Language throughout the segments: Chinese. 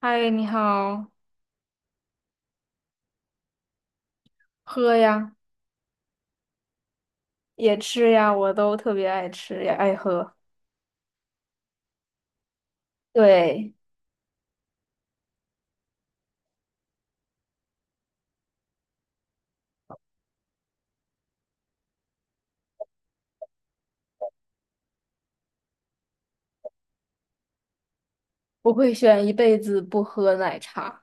嗨，你好。喝呀。也吃呀，我都特别爱吃，也爱喝。对。我会选一辈子不喝奶茶，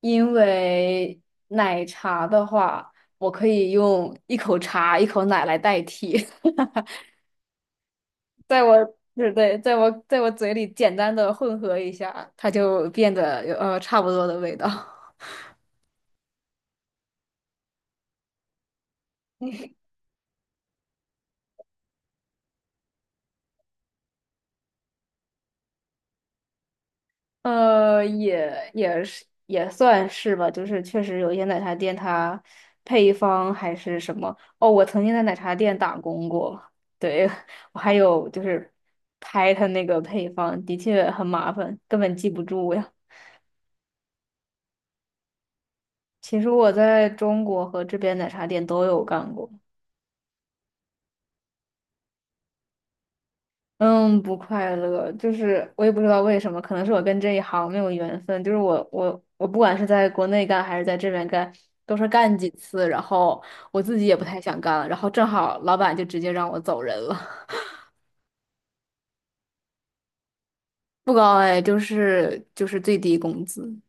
因为奶茶的话，我可以用一口茶、一口奶来代替，在我，对对，在我嘴里简单的混合一下，它就变得有差不多的味道。也是也算是吧，就是确实有一些奶茶店它配方还是什么。哦，我曾经在奶茶店打工过。对，我还有就是拍它那个配方，的确很麻烦，根本记不住呀。其实我在中国和这边奶茶店都有干过。嗯，不快乐，就是我也不知道为什么，可能是我跟这一行没有缘分。就是我不管是在国内干还是在这边干，都是干几次，然后我自己也不太想干了，然后正好老板就直接让我走人了。不高哎，就是最低工资。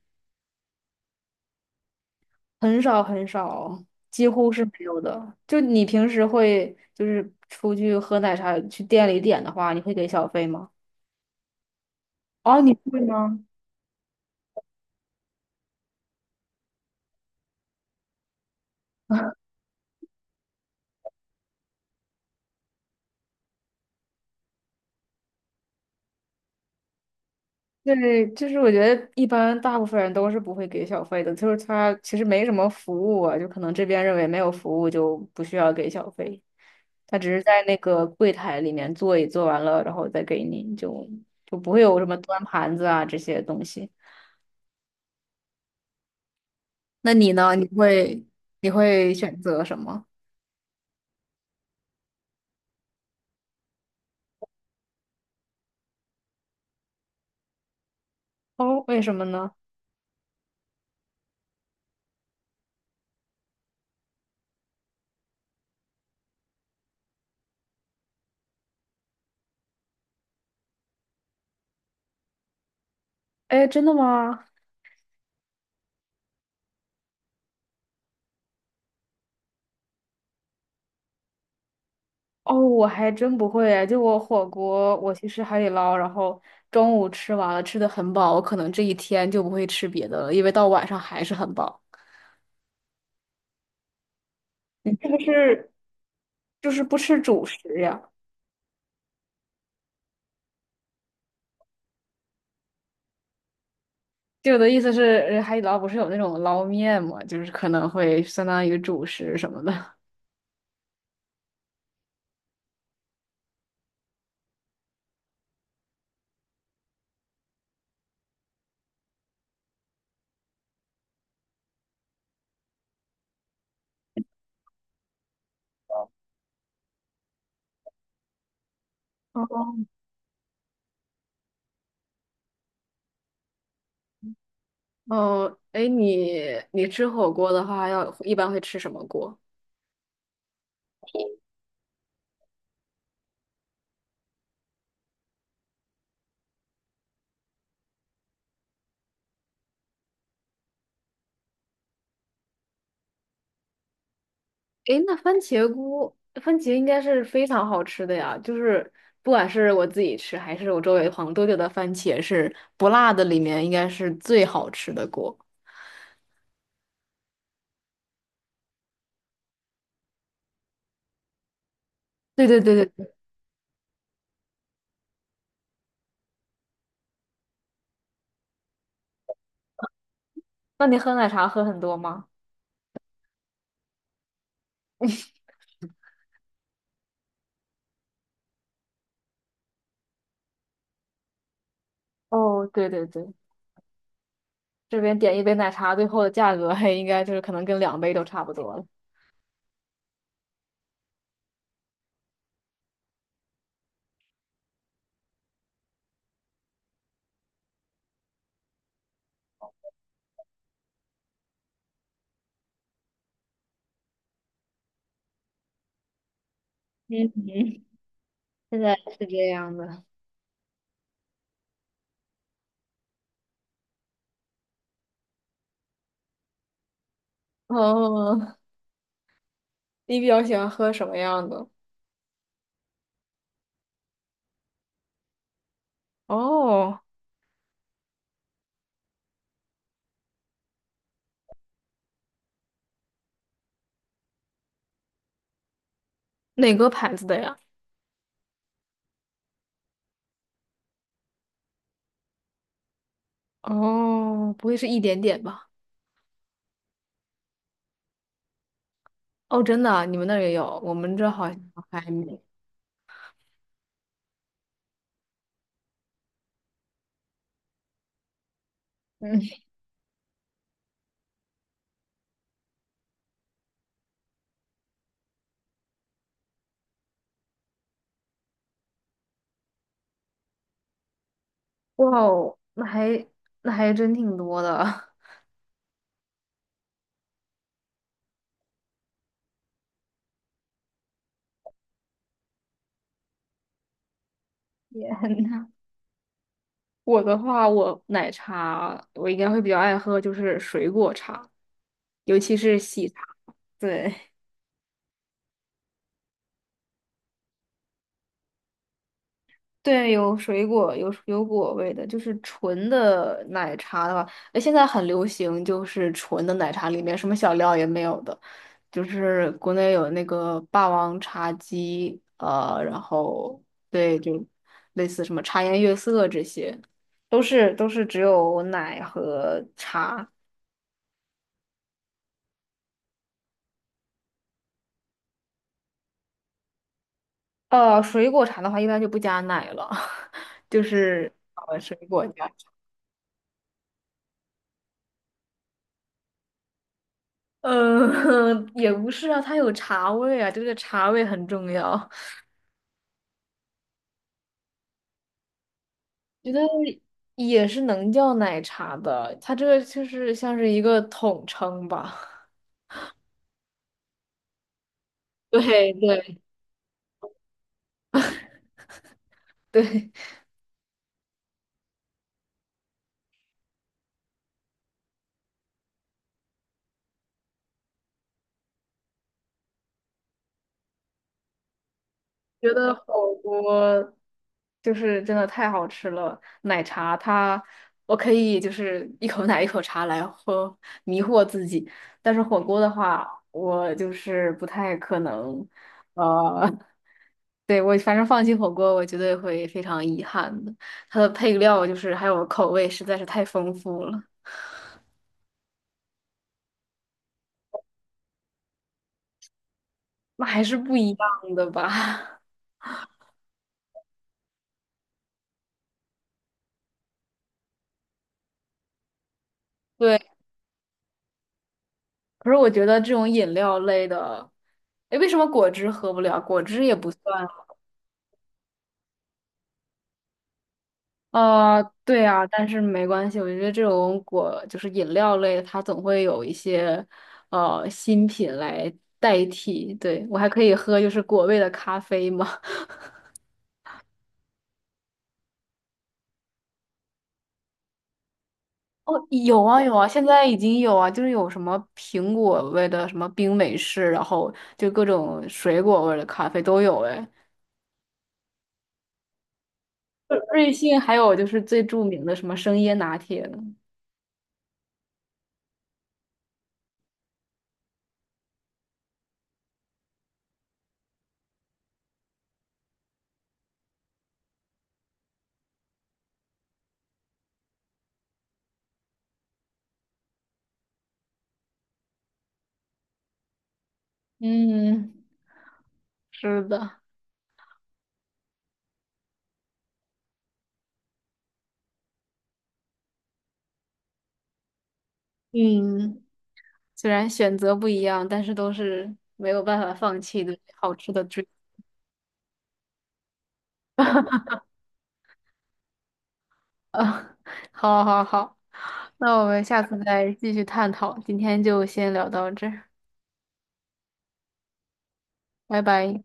很少很少，几乎是没有的。就你平时会就是出去喝奶茶，去店里点的话，你会给小费吗？哦，你会吗？对，就是我觉得一般大部分人都是不会给小费的，就是他其实没什么服务啊，就可能这边认为没有服务就不需要给小费，他只是在那个柜台里面坐一坐完了，然后再给你，就不会有什么端盘子啊这些东西。那你呢？你会选择什么？哦，为什么呢？哎，真的吗？哦，我还真不会哎，就我火锅，我去吃海底捞，然后中午吃完了，吃的很饱，我可能这一天就不会吃别的了，因为到晚上还是很饱。你是不是就是不吃主食呀？就我的意思是，海底捞不是有那种捞面嘛，就是可能会相当于主食什么的。哦，哎，你吃火锅的话，要一般会吃什么锅？诶，那番茄菇，番茄应该是非常好吃的呀。就是不管是我自己吃，还是我周围的朋友，都觉得番茄是不辣的里面应该是最好吃的锅。对对对对对。那你喝奶茶喝很多吗？哦，对对对，这边点一杯奶茶，最后的价格还应该就是可能跟两杯都差不多了。现在是这样的。哦，你比较喜欢喝什么样的？哦，哪个牌子的呀？哦，不会是一点点吧？哦，真的啊，你们那儿也有，我们这好像还没。嗯，哇哦，那还真挺多的。也很，我的话，我奶茶我应该会比较爱喝，就是水果茶，尤其是喜茶。对。对，有水果，有果味的，就是纯的奶茶的话，哎，现在很流行，就是纯的奶茶里面什么小料也没有的，就是国内有那个霸王茶姬，然后对，就类似什么茶颜悦色这些，都是只有奶和茶。水果茶的话一般就不加奶了，就是水果加，呃，也不是啊，它有茶味啊，这个茶味很重要。觉得也是能叫奶茶的，它这个就是像是一个统称吧。对对对。觉得火锅就是真的太好吃了。奶茶它我可以就是一口奶一口茶来喝，迷惑自己。但是火锅的话，我就是不太可能。呃，对，我反正放弃火锅，我绝对会非常遗憾的。它的配料就是还有口味实在是太丰富了。那还是不一样的吧？对，可是我觉得这种饮料类的，哎，为什么果汁喝不了？果汁也不算。对啊，但是没关系，我觉得这种果就是饮料类的，它总会有一些新品来代替。对，我还可以喝就是果味的咖啡吗？哦，有啊有啊，现在已经有啊，就是有什么苹果味的什么冰美式，然后就各种水果味的咖啡都有哎。瑞幸还有就是最著名的什么生椰拿铁了。嗯是的。嗯，虽然选择不一样，但是都是没有办法放弃的好吃的追求。好好好，那我们下次再继续探讨，今天就先聊到这儿，拜拜。